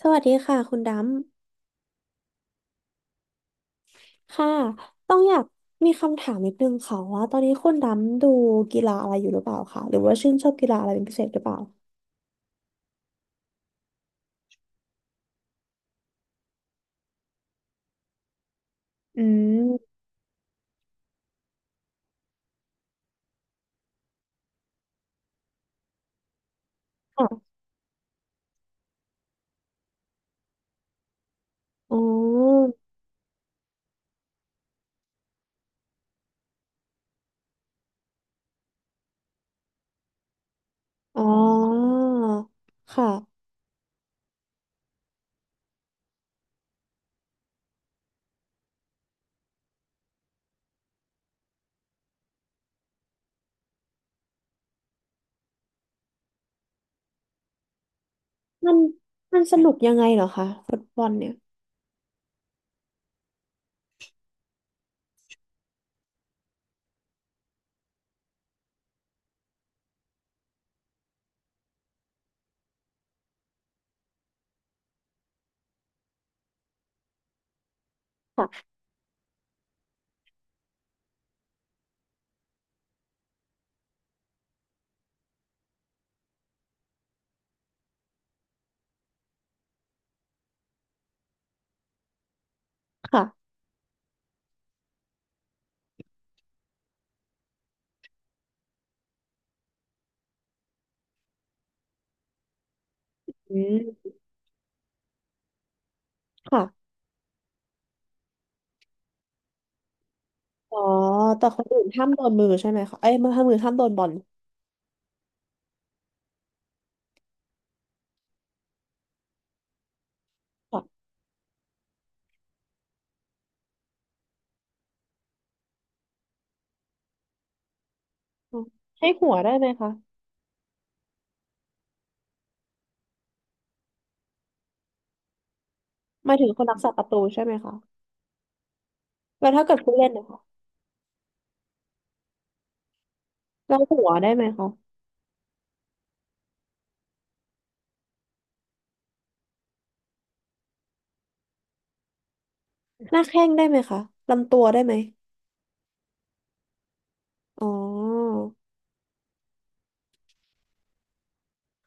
สวัสดีค่ะคุณดำค่ะต้องอยากมีคำถามนิดนึงค่ะว่าตอนนี้คุณดำดูกีฬาอะไรอยู่หรือเปล่าคะหรือว่าชื่นชอบกีฬาอะไรเป็นพิเศษหรือเปล่าอืมค่ะอ๋ออ๋อค่ะมันมันสนุกยังไงเหรอคะฟุตบอลเนี่ยค่ะค่ะอืมค่ะอ๋อแต่คนอื่นห้ามโดนมือใช่ไหมคะเอ้ยมือห้ามมือห้ามโดนบอลค่ะอ๋อใช้หัวได้ไหมคะหมายถึงคนรักษาประตูใช่ไหมคะแล้วถ้าเกิดผู้เล่นนะคะเราหัวได้ไหมคะ หน้าแข้งได้ไหมคะ ลำตัวได้ไหมอ๋อ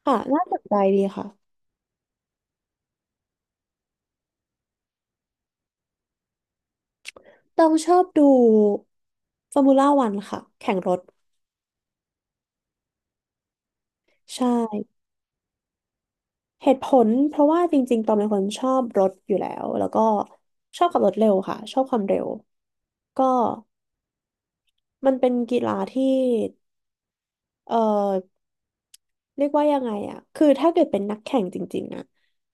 ค่ะ น่าสนใจดีค่ะต้องชอบดูฟอร์มูล่าวันค่ะ แข่งรถ ใช่ เหตุผลเพราะว่าจริงๆ ตอนเป็นคนชอบรถอยู่แล้ว แล้วก็ชอบขับรถเร็วค่ะ ชอบความเร็ว ก็มันเป็นกีฬาที่ เอ่อเรียกว่ายังไงอะคือถ้าเกิดเป็นนักแข่งจริงๆอะ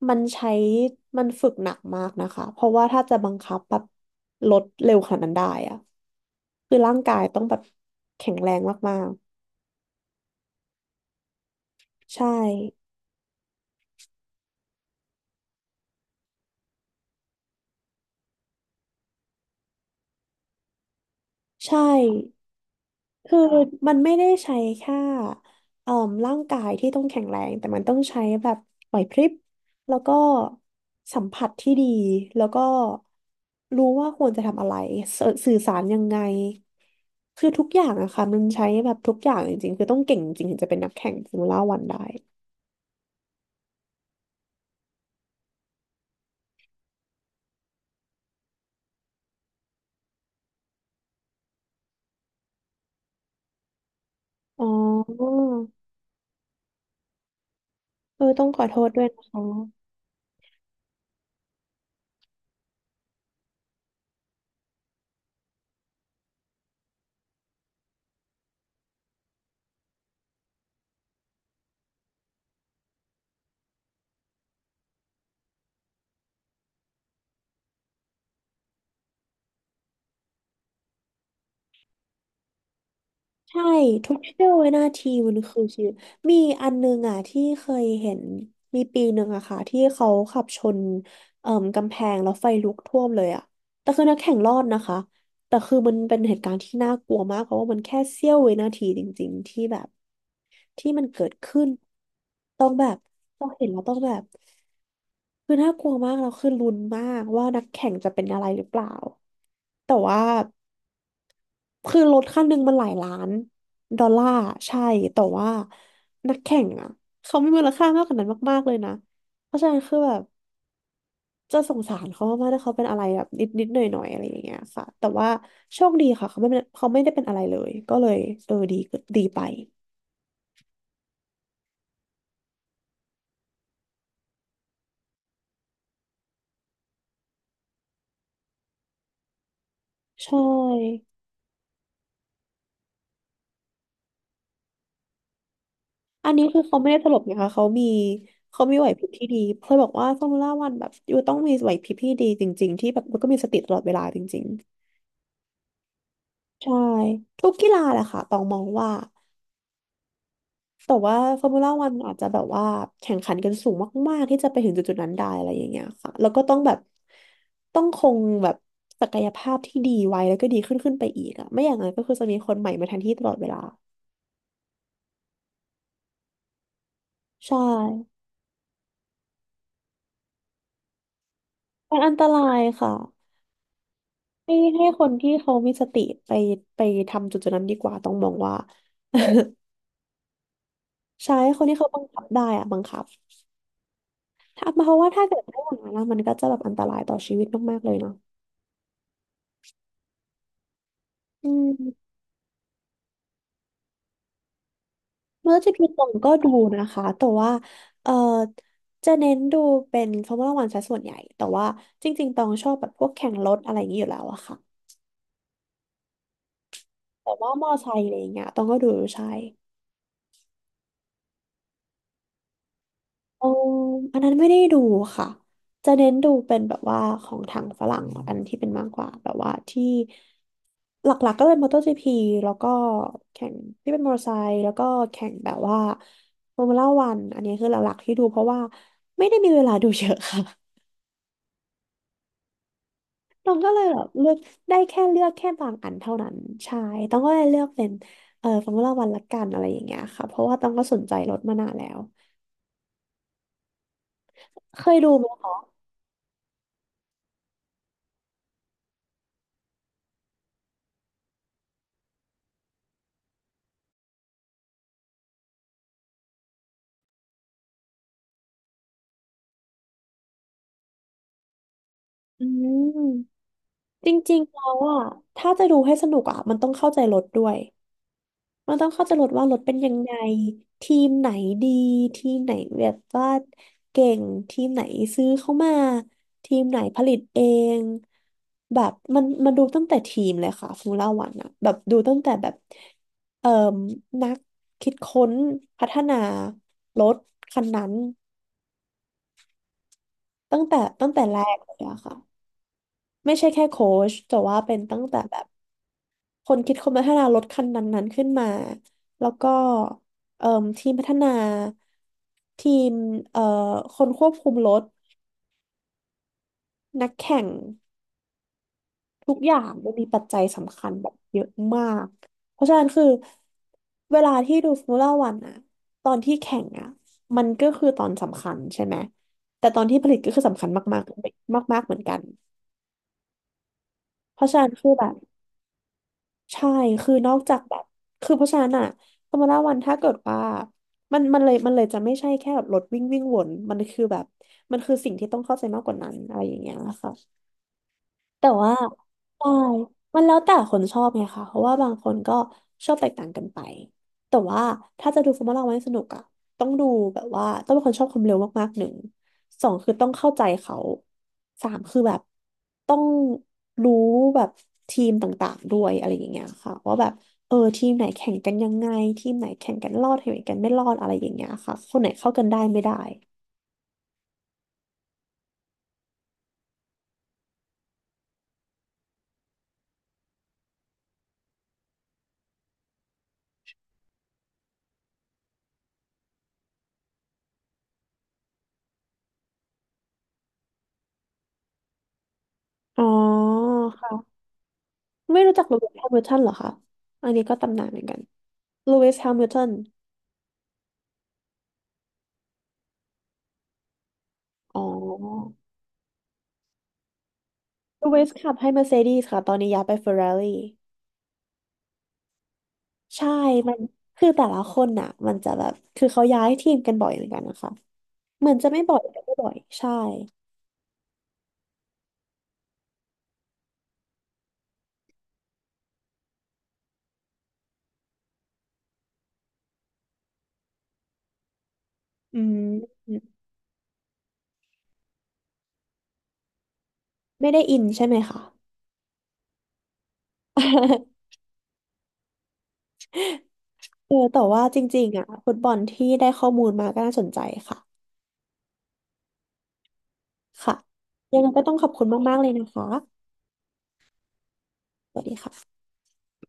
มันใช้มันฝึกหนักมากนะคะเพราะว่าถ้าจะบังคับแบบลดเร็วขนาดนั้นได้อะคือร่างกายต้องแบบแข็งแรงมากๆใช่ใช่ คือมันไม่ได้ใช้แค่เอ่อร่างกายที่ต้องแข็งแรงแต่มันต้องใช้แบบไหวพริบแล้วก็สัมผัสที่ดีแล้วก็รู้ว่าควรจะทำอะไรสสื่อสารยังไงคือทุกอย่างอะค่ะมันใช้แบบทุกอย่างจริงๆคือต้องเก่งจริงถึงจะเป็นนักแข่งฟอร์มูล่าวันได้อ๋อเออต้องขอโทษด้วยนะคะ ใช่ทุกเสี้ยววินาทีมันคือชีวิตมีอันนึงอ่ะที่เคยเห็นมีปีหนึ่งอะค่ะที่เขาขับชนเอ่มกำแพงแล้วไฟลุกท่วมเลยอะแต่คือนักแข่งรอดนะคะแต่คือมันเป็นเหตุการณ์ที่น่ากลัวมากเพราะว่ามันแค่เสี้ยววินาทีจริงๆที่แบบที่มันเกิดขึ้นต้องแบบต้องเห็นแล้วต้องแบบคือน่ากลัวมากแล้วคือลุ้นมากว่านักแข่งจะเป็นอะไรหรือเปล่าแต่ว่า คือรถคันหนึ่งมันหลายล้านดอลลาร์ใช่ แต่ว่านักแข่งอ่ะเขามีมูลค่ามากกว่านั้นมากๆเลยนะ เพราะฉะนั้นคือแบบจะสงสารเขามากๆถ้าเขาเป็นอะไรแบบนิดๆหน่อยๆอะไรอย่างเงี้ยค่ะแต่ว่าโชคดีค่ะเขาไม่เป็นเขาไม่ได้เป็นอะไรเลย ก็เลยเออดีดีไป ใช่ อันนี้คือเขาไม่ได้ตลกนะคะเขามีไหวพริบที่ดีเพื่อบอกว่าฟอร์มูล่าวันแบบอยู่ต้องมีไหวพริบที่ดีจริงๆที่แบบมันก็มีสติตลอดเวลาจริงๆใช่ทุกกีฬาแหละค่ะต้องมองว่า แต่ว่าฟอร์มูล่าวันอาจจะแบบว่าแข่งขันกันสูงมากๆที่จะไปถึงจุดๆนั้นได้อะไรอย่างเงี้ยค่ะแล้วก็ต้องแบบต้องคงแบบศักยภาพที่ดีไว้แล้วก็ดีขึ้นขึ้นไปอีกอะไม่อย่างนั้นก็คือจะมีคนใหม่มาแทนที่ตลอดเวลาใช่มันอันตรายค่ะให้คนที่เขามีสติไปไปทำจุดๆนั้นดีกว่าต้องมองว่า ใช่ให้คนที่เขาบังคับได้อะบังคับถ้าเพราะว่าถ้าเกิดไม่อย่างนั้นอะมันก็จะแบบอันตรายต่อชีวิตมากๆเลยเนาะอืม เมื่อจะพิตองก็ดูนะคะแต่ว่าเออจะเน้นดูเป็นฟอร์มูล่าวันซะส่วนใหญ่แต่ว่าจริงๆตองชอบแบบพวกแข่งรถอะไรอย่างนี้อยู่แล้วอะค่ะแต่ว่ามอไซค์อะไรอย่างเงี้ยตองก็ดูใช่เอออันนั้นไม่ได้ดูค่ะจะเน้นดูเป็นแบบว่าของทางฝรั่งอันที่เป็นมากกว่าแบบว่าที่หลักๆก็เป็นมอเตอร์จีพีแล้วก็แข่งที่เป็นมอเตอร์ไซค์แล้วก็แข่งแบบว่าฟอร์มูล่าวันอันนี้คือหลักๆที่ดูเพราะว่าไม่ได้มีเวลาดูเยอะค่ะ ตองก็เลยแบบเลือกได้แค่เลือกแค่บางอันเท่านั้นใช่ตองก็เลยเลือกเป็นฟอร์มูล่าวันละกันอะไรอย่างเงี้ยค่ะเพราะว่าตองก็สนใจรถมานานแล้วเคยดูไหมคะอืมจริงๆแล้วอ่ะถ้าจะดูให้สนุกอ่ะมันต้องเข้าใจรถด้วย มันต้องเข้าใจรถว่ารถเป็นยังไงทีมไหนดีทีมไหนแบบว่าเก่งทีมไหนซื้อเข้ามาทีมไหนผลิตเองแบบมันดูตั้งแต่ทีมเลยค่ะฟูล่าวันอะแบบดูตั้งแต่แบบเอ่อนักคิดค้นพัฒนารถคันนั้นตั้งแต่แรกเลยอะค่ะไม่ใช่แค่โค้ชแต่ว่าเป็นตั้งแต่แบบ คนคิดคนพัฒนารถคันนั้นๆขึ้นมา แล้วก็เอ่มทีมพัฒนาทีมเอ่อคนควบคุมรถนักแข่งทุกอย่างมันมีปัจจัยสำคัญแบบเยอะมาก เพราะฉะนั้นคือเวลาที่ดูฟ o ร์มูล่าวันอะตอนที่แข่งอะมันก็คือตอนสำคัญใช่ไหมแต่ตอนที่ผลิตก็คือสำคัญมากๆมากๆเหมือนกันเพราะฉะนั้นคือแบบ ใช่ คือนอกจากแบบ คือเพราะฉะนั้นอะฟอร์มูล่าวันถ้าเกิดว่ามันเลยจะไม่ใช่แค่แบบรถวิ่งวิ่งวน มันคือแบบ มันคือสิ่งที่ต้องเข้าใจมากกว่านั้นอะไรอย่างเงี้ยค่ะ แต่ว่าใช่มันแล้วแต่คนชอบไงคะเพราะว่าบางคนก็ชอบแตกต่างกันไปแต่ว่าถ้าจะดูฟอร์มูล่าวันให้สนุกอะต้องดูแบบว่าต้องเป็นคนชอบความเร็วมากๆหนึ่งสองคือต้องเข้าใจเขาสามคือแบบต้องรู้แบบทีมต่างๆด้วยอะไรอย่างเงี้ยค่ะว่าแบบเออทีมไหนแข่งกันยังไงทีมไหนแข่งกันรอดทีมไหนกันไม่รอดอะไรอย่างเงี้ยค่ะคนไหนเข้ากันได้ไม่ได้อ๋อค่ะไม่รู้จักโรเบิร์ตแฮมิลตันเหรอคะอันนี้ก็ตำนานเหมือนกัน ลูอิสแฮมิลตันอ๋อลูอิสขับให้เมอร์เซเดสค่ะ ตอนนี้ย้ายไปเฟอร์รารี่ใช่ มันคือแต่ละคนน่ะมันจะแบบ คือเขาย้ายทีมกันบ่อยเหมือนกันนะคะ เหมือนจะไม่บ่อยแต่ก็บ่อย ใช่อืมไม่ได้อินใช่ไหมคะ เออแต่ว่าจริงๆอ่ะฟุตบอลที่ได้ข้อมูลมาก็น่าสนใจค่ะค่ะยังไงก็ต้องขอบคุณมากๆเลยนะคะ สวัสดีค่ะ